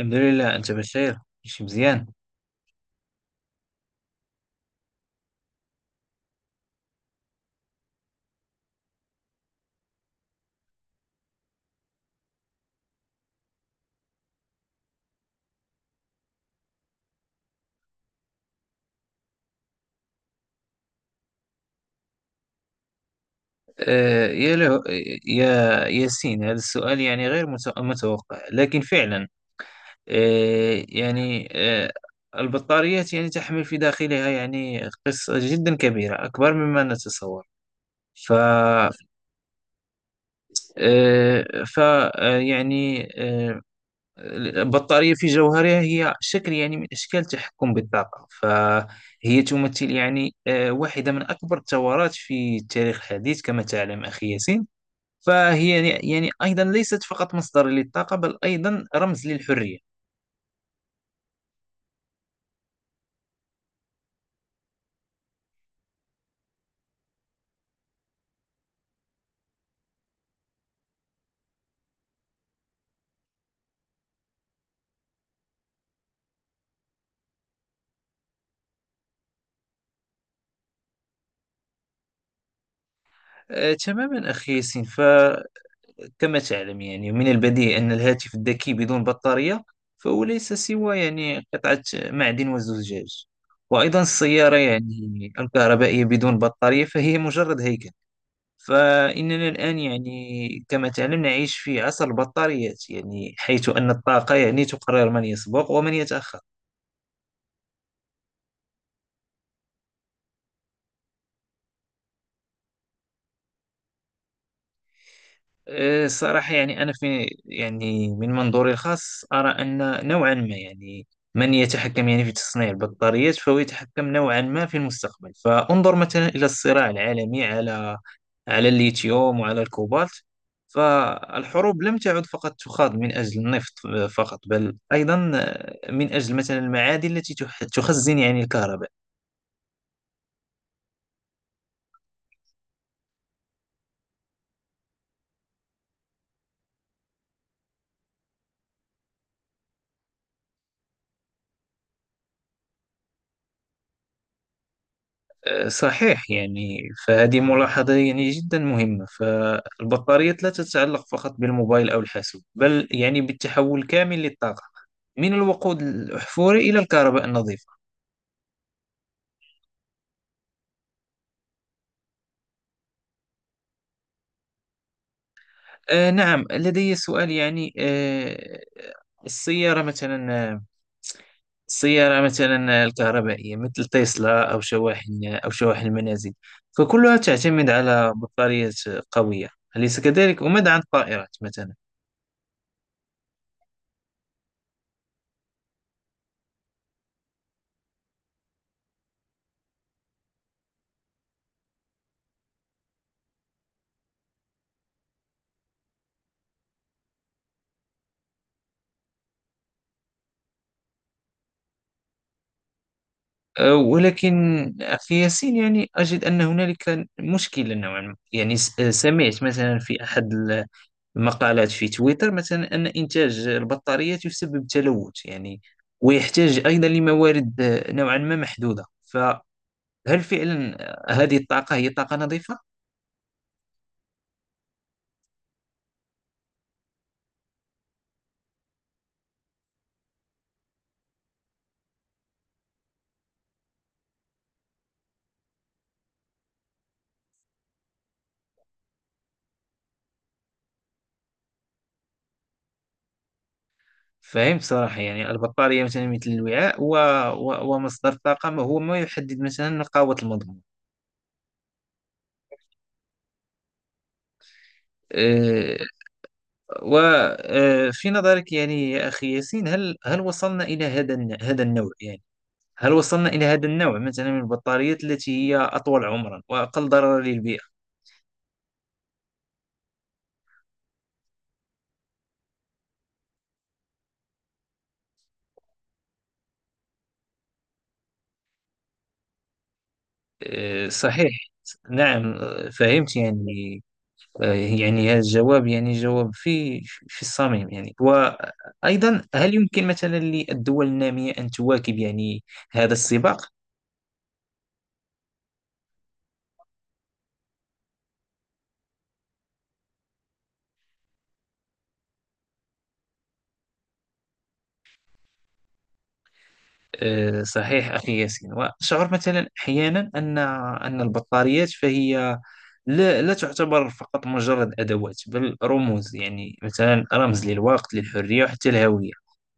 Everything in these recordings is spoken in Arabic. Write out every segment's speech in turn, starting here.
الحمد لله، أنت بخير؟ ماشي مزيان. يا له، يا ياسين، هذا السؤال يعني غير متوقع، لكن فعلا آه، يعني آه، البطاريات يعني تحمل في داخلها يعني قصة جدا كبيرة، أكبر مما نتصور. ف آه، ف آه، يعني آه، البطارية في جوهرها هي شكل يعني من أشكال التحكم بالطاقة، فهي تمثل يعني واحدة من أكبر الثورات في التاريخ الحديث، كما تعلم أخي ياسين. فهي يعني أيضا ليست فقط مصدر للطاقة، بل أيضا رمز للحرية. تماما أخي ياسين، فكما تعلم يعني من البديهي أن الهاتف الذكي بدون بطارية فهو ليس سوى يعني قطعة معدن وزجاج. وأيضا السيارة يعني الكهربائية بدون بطارية فهي مجرد هيكل. فإننا الآن يعني كما تعلم نعيش في عصر البطاريات، يعني حيث أن الطاقة يعني تقرر من يسبق ومن يتأخر. الصراحة يعني أنا في يعني من منظوري الخاص أرى أن نوعا ما يعني من يتحكم يعني في تصنيع البطاريات فهو يتحكم نوعا ما في المستقبل. فانظر مثلا إلى الصراع العالمي على على الليثيوم وعلى الكوبالت. فالحروب لم تعد فقط تخاض من أجل النفط فقط، بل أيضا من أجل مثلا المعادن التي تخزن يعني الكهرباء. صحيح يعني، فهذه ملاحظة يعني جدا مهمة. فالبطاريات لا تتعلق فقط بالموبايل أو الحاسوب، بل يعني بالتحول كامل للطاقة من الوقود الأحفوري إلى الكهرباء النظيفة. نعم، لدي سؤال يعني السيارة مثلا، سيارة مثلا الكهربائية مثل تسلا، أو شواحن أو شواحن المنازل، فكلها تعتمد على بطارية قوية، أليس كذلك؟ وماذا عن الطائرات مثلا؟ ولكن أخي ياسين يعني أجد أن هنالك مشكلة نوعا ما يعني، س- أه، سمعت مثلا في أحد المقالات في تويتر مثلا أن إنتاج البطاريات يسبب تلوث يعني، ويحتاج أيضا لموارد نوعا ما محدودة. فهل فعلا هذه الطاقة هي طاقة نظيفة؟ فهمت صراحة يعني البطارية مثلا مثل الوعاء ومصدر الطاقة ما هو ما يحدد مثلا قوة المضمون. أه. وفي نظرك يعني يا أخي ياسين، هل وصلنا إلى هذا النوع يعني، هل وصلنا إلى هذا النوع مثلا من البطاريات التي هي أطول عمرا وأقل ضررا للبيئة؟ أه صحيح. نعم، فهمت يعني، يعني هذا الجواب يعني جواب في في الصميم يعني. وأيضا، هل يمكن مثلا للدول النامية أن تواكب يعني هذا السباق؟ صحيح أخي ياسين، وأشعر مثلا أحيانا أن أن البطاريات فهي لا تعتبر فقط مجرد أدوات، بل رموز يعني، مثلا رمز للوقت، للحرية، وحتى الهوية.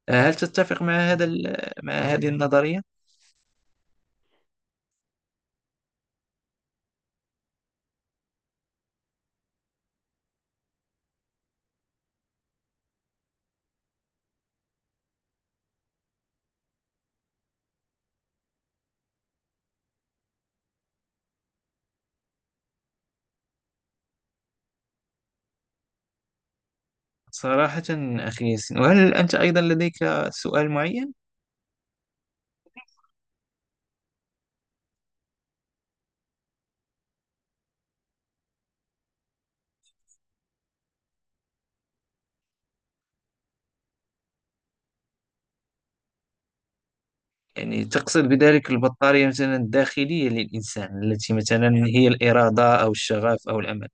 هل تتفق مع مع هذه النظرية؟ صراحة أخي ياسين، وهل أنت أيضا لديك سؤال معين؟ يعني تقصد بذلك البطارية مثلا الداخلية للإنسان، التي مثلا هي الإرادة أو الشغف أو الأمل؟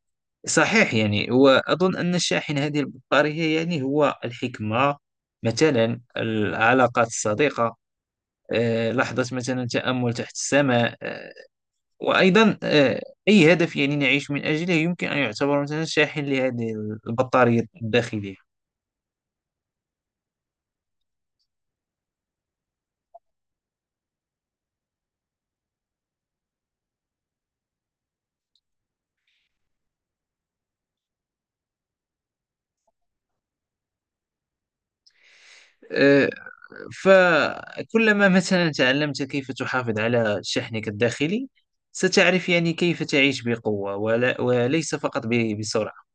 صحيح يعني، وأظن أن شاحن هذه البطارية يعني هو الحكمة، مثلا العلاقات الصديقة، لحظة مثلا تأمل تحت السماء، آه، وأيضا آه، أي هدف يعني نعيش من أجله يمكن أن يعتبر مثلا شاحن لهذه البطارية الداخلية. آه، فكلما مثلا تعلمت كيف تحافظ على شحنك الداخلي، ستعرف يعني كيف تعيش بقوة، وليس فقط بسرعة.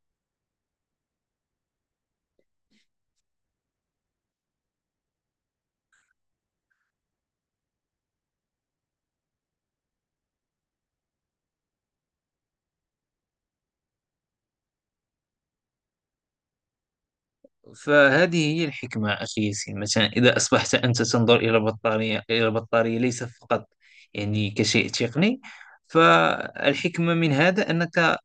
فهذه هي الحكمة أخي ياسين، مثلا إذا أصبحت أنت تنظر إلى بطارية إلى بطارية ليس فقط يعني كشيء تقني، فالحكمة من هذا أنك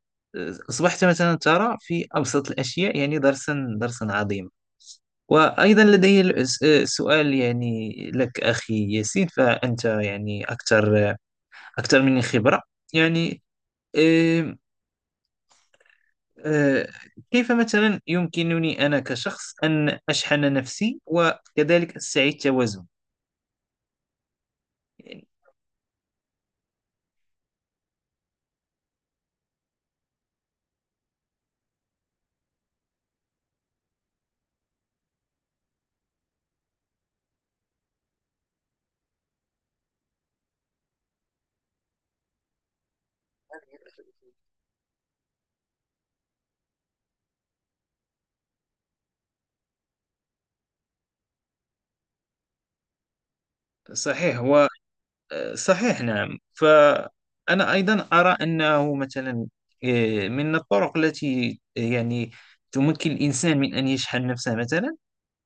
أصبحت مثلا ترى في أبسط الأشياء يعني درسا درسا عظيما. وأيضا لدي سؤال يعني لك أخي ياسين، فأنت يعني أكثر أكثر مني خبرة يعني. آم، آه، كيف مثلا يمكنني أنا كشخص أن أشحن نفسي وكذلك أستعيد توازن يعني؟ صحيح. و صحيح، نعم، فأنا أيضا أرى أنه مثلا من الطرق التي يعني تمكن الإنسان من أن يشحن نفسه مثلا،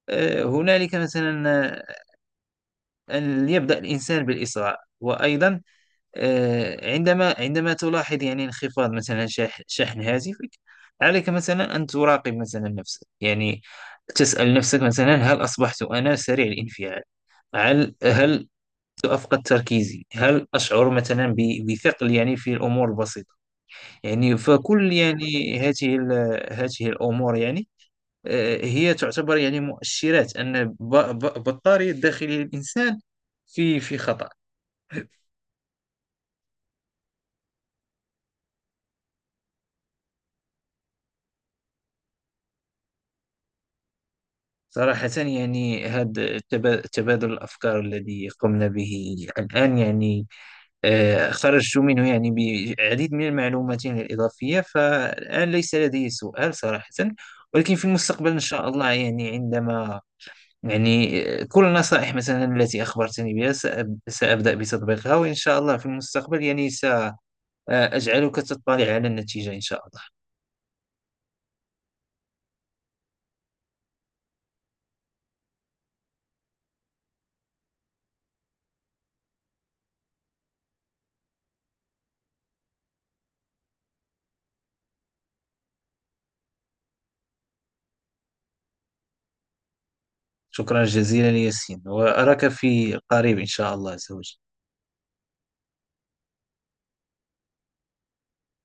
هنالك مثلا أن يبدأ الإنسان بالإسراع. وأيضا عندما تلاحظ يعني انخفاض مثلا شحن هاتفك، عليك مثلا أن تراقب مثلا نفسك يعني، تسأل نفسك مثلا: هل أصبحت أنا سريع الانفعال؟ هل أفقد تركيزي؟ هل أشعر مثلا بثقل يعني في الأمور البسيطة؟ يعني، فكل يعني هذه الأمور يعني هي تعتبر يعني مؤشرات أن بطارية داخل الإنسان في في خطر. صراحة يعني هذا تبادل الأفكار الذي قمنا به الآن يعني خرجت منه يعني بعديد من المعلومات يعني الإضافية، فالآن ليس لدي سؤال صراحة. ولكن في المستقبل إن شاء الله، يعني عندما يعني كل النصائح مثلا التي أخبرتني بها سأبدأ بتطبيقها، وإن شاء الله في المستقبل يعني سأجعلك تطلع على النتيجة إن شاء الله. شكرا جزيلا ياسين، وأراك في قريب إن شاء الله عز وجل.